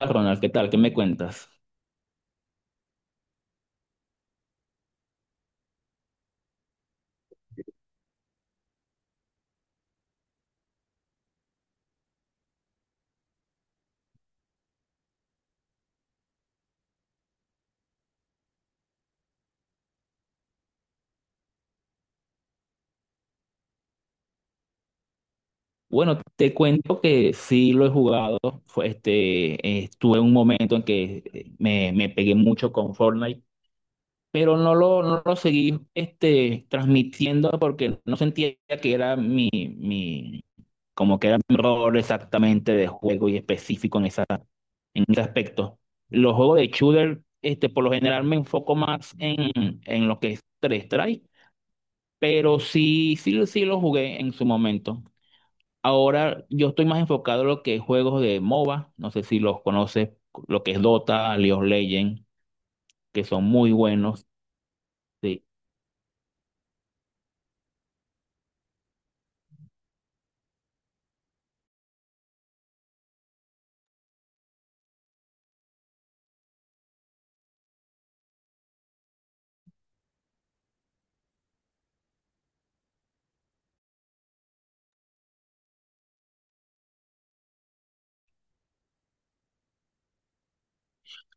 Ronald, ¿qué tal? ¿Qué me cuentas? Bueno, te cuento que sí lo he jugado. Fue, estuve en un momento en que me pegué mucho con Fortnite, pero no lo seguí, este, transmitiendo, porque no sentía que era mi, como que era mi rol exactamente de juego y específico en en ese aspecto. Los juegos de shooter, este, por lo general me enfoco más en lo que es 3 strike, pero sí lo jugué en su momento. Ahora yo estoy más enfocado en lo que es juegos de MOBA, no sé si los conoces, lo que es Dota, League of Legends, que son muy buenos. Sí.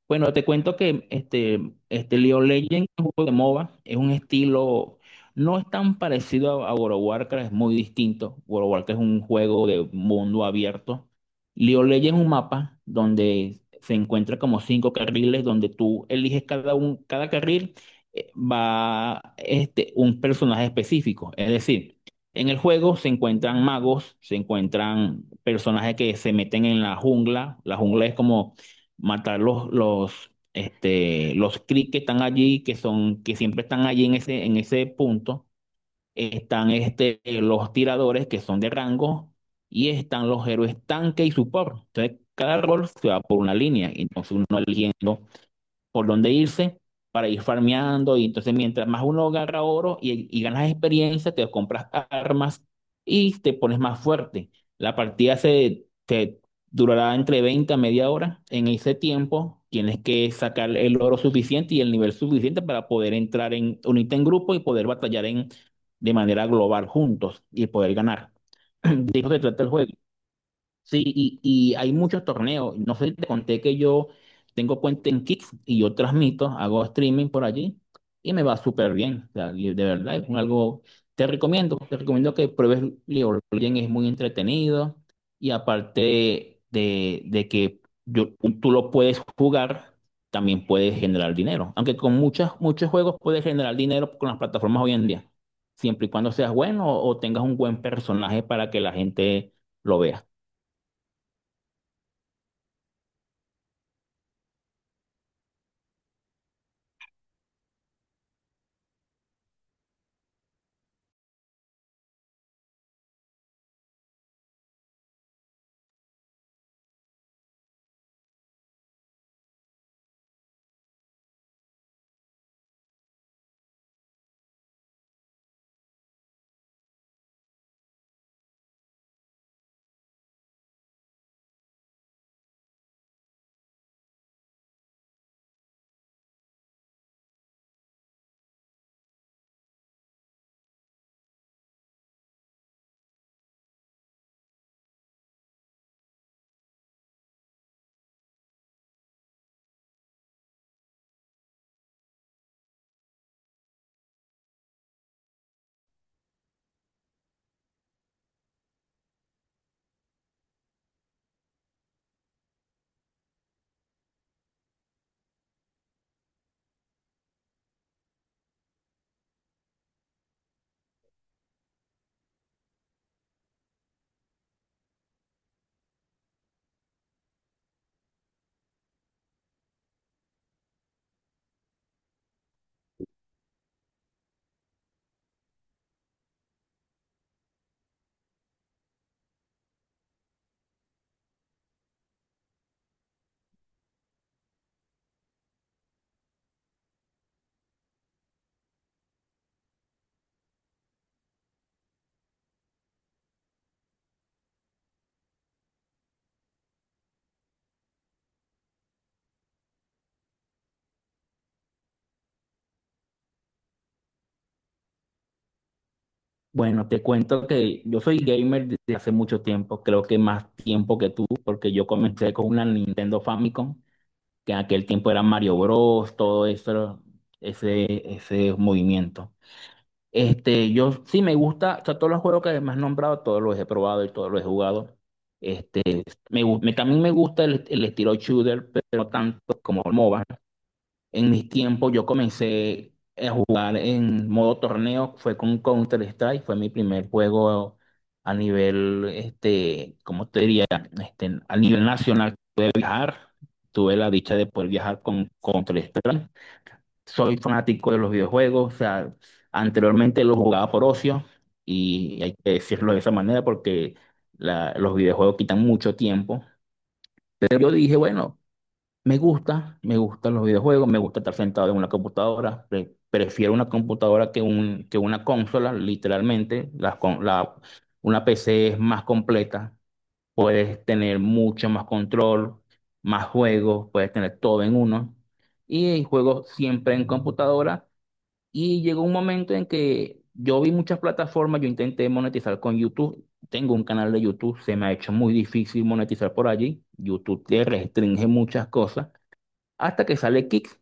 Bueno, te cuento que este League of Legends es un juego de MOBA, es un estilo, no es tan parecido a World of Warcraft, es muy distinto. World of Warcraft es un juego de mundo abierto. League of Legends es un mapa donde se encuentra como cinco carriles, donde tú eliges cada carril, un personaje específico. Es decir, en el juego se encuentran magos, se encuentran personajes que se meten en la jungla. La jungla es como matar los Kree que están allí, que son, que siempre están allí en en ese punto. Están, este, los tiradores que son de rango, y están los héroes tanque y support. Entonces, cada rol se va por una línea. Entonces, uno va eligiendo por dónde irse para ir farmeando. Y entonces, mientras más uno agarra oro y ganas experiencia, te compras armas y te pones más fuerte. La partida se te durará entre 20 a media hora. En ese tiempo, tienes que sacar el oro suficiente y el nivel suficiente para poder entrar en unirte en grupo y poder batallar en, de manera global juntos y poder ganar. De eso se trata el juego. Sí, y hay muchos torneos. No sé si te conté que yo tengo cuenta en Kick y yo transmito, hago streaming por allí y me va súper bien. O sea, y de verdad, es un algo. Te recomiendo que pruebes League of Legends, es muy entretenido, y aparte de que yo- tú lo puedes jugar, también puedes generar dinero. Aunque con muchos juegos puedes generar dinero con las plataformas hoy en día, siempre y cuando seas bueno o tengas un buen personaje para que la gente lo vea. Bueno, te cuento que yo soy gamer desde hace mucho tiempo, creo que más tiempo que tú, porque yo comencé con una Nintendo Famicom, que en aquel tiempo era Mario Bros, todo eso, ese movimiento. Este, yo sí me gusta, o sea, todos los juegos que me has nombrado, todos los he probado y todos los he jugado. Este, También me gusta el estilo shooter, pero no tanto como el MOBA. En mis tiempos yo comencé jugar en modo torneo fue con Counter Strike, fue mi primer juego a nivel, este, ¿cómo te diría? Este, a nivel nacional pude viajar, tuve la dicha de poder viajar con Counter Strike. Soy fanático de los videojuegos, o sea, anteriormente los jugaba por ocio, y hay que decirlo de esa manera porque los videojuegos quitan mucho tiempo. Pero yo dije, bueno, me gusta, me gustan los videojuegos, me gusta estar sentado en una computadora. Prefiero una computadora que una consola, literalmente. Una PC es más completa, puedes tener mucho más control, más juegos, puedes tener todo en uno. Y juego siempre en computadora. Y llegó un momento en que yo vi muchas plataformas, yo intenté monetizar con YouTube. Tengo un canal de YouTube, se me ha hecho muy difícil monetizar por allí. YouTube te restringe muchas cosas hasta que sale Kick.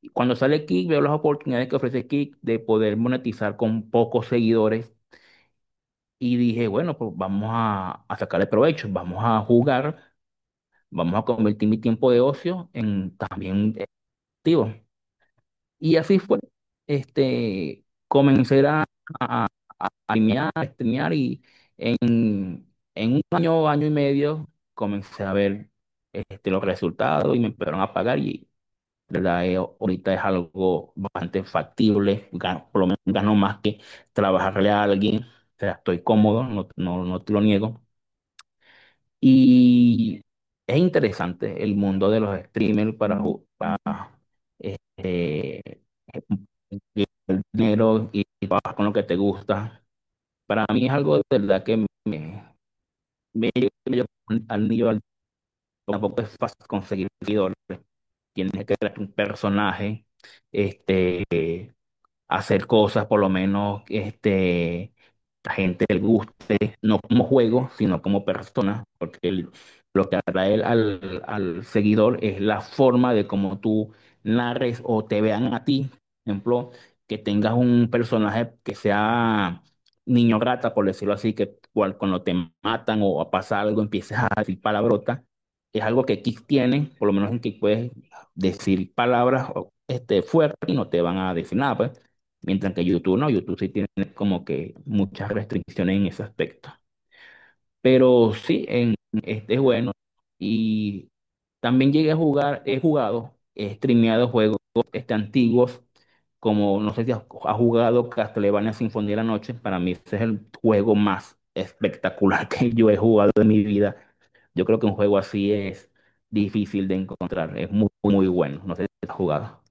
Y cuando sale Kick, veo las oportunidades que ofrece Kick de poder monetizar con pocos seguidores, y dije, bueno, pues vamos a sacarle provecho, vamos a jugar, vamos a convertir mi tiempo de ocio en también activo. Y así fue. Este, comencé a, a, a streamear, a streamear, y en, en un año, año y medio, comencé a ver, este, los resultados, y me empezaron a pagar y, ¿verdad? Ahorita es algo bastante factible, gano, por lo menos gano más que trabajarle a alguien, o sea, estoy cómodo, no te lo niego. Y es interesante el mundo de los streamers para, para, este, el dinero y trabajar con lo que te gusta. Para mí es algo de verdad que me lleva al niño, al, tampoco es fácil conseguir seguidores, tienes que crear un personaje. Este, hacer cosas, por lo menos, este, la gente le guste, no como juego, sino como persona, porque lo que atrae al seguidor es la forma de cómo tú narres o te vean a ti. Por ejemplo, que tengas un personaje que sea niño rata, por decirlo así, que cuando te matan o pasa algo empieces a decir palabrotas. Es algo que Kick tiene, por lo menos en que puedes decir palabras o, este, fuertes y no te van a decir nada, pues. Mientras que YouTube no, YouTube sí tiene como que muchas restricciones en ese aspecto. Pero sí, este es bueno. Y también llegué a jugar, he jugado, he streameado juegos, este, antiguos, como no sé si has jugado Castlevania Sinfonía de la Noche. Para mí ese es el juego más espectacular que yo he jugado en mi vida. Yo creo que un juego así es difícil de encontrar. Es muy, muy bueno. No sé si has jugado.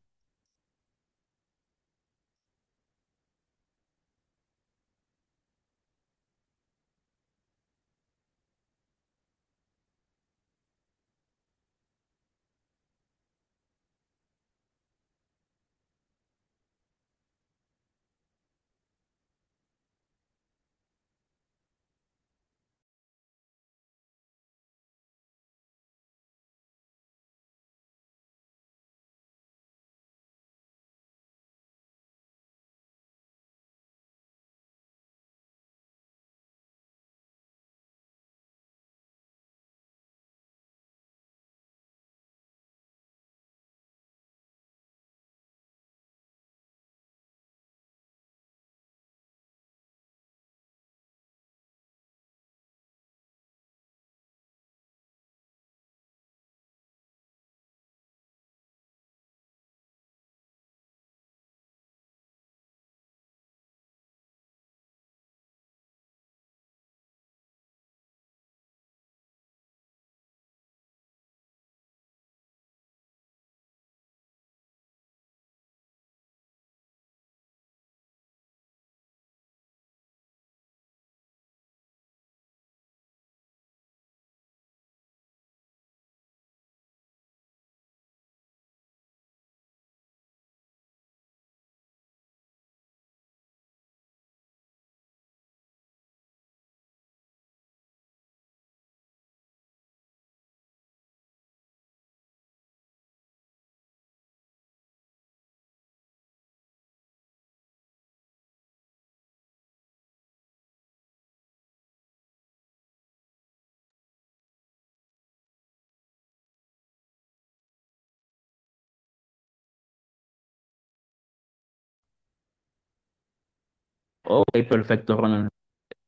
Ok, perfecto, Ronald.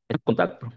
En contacto.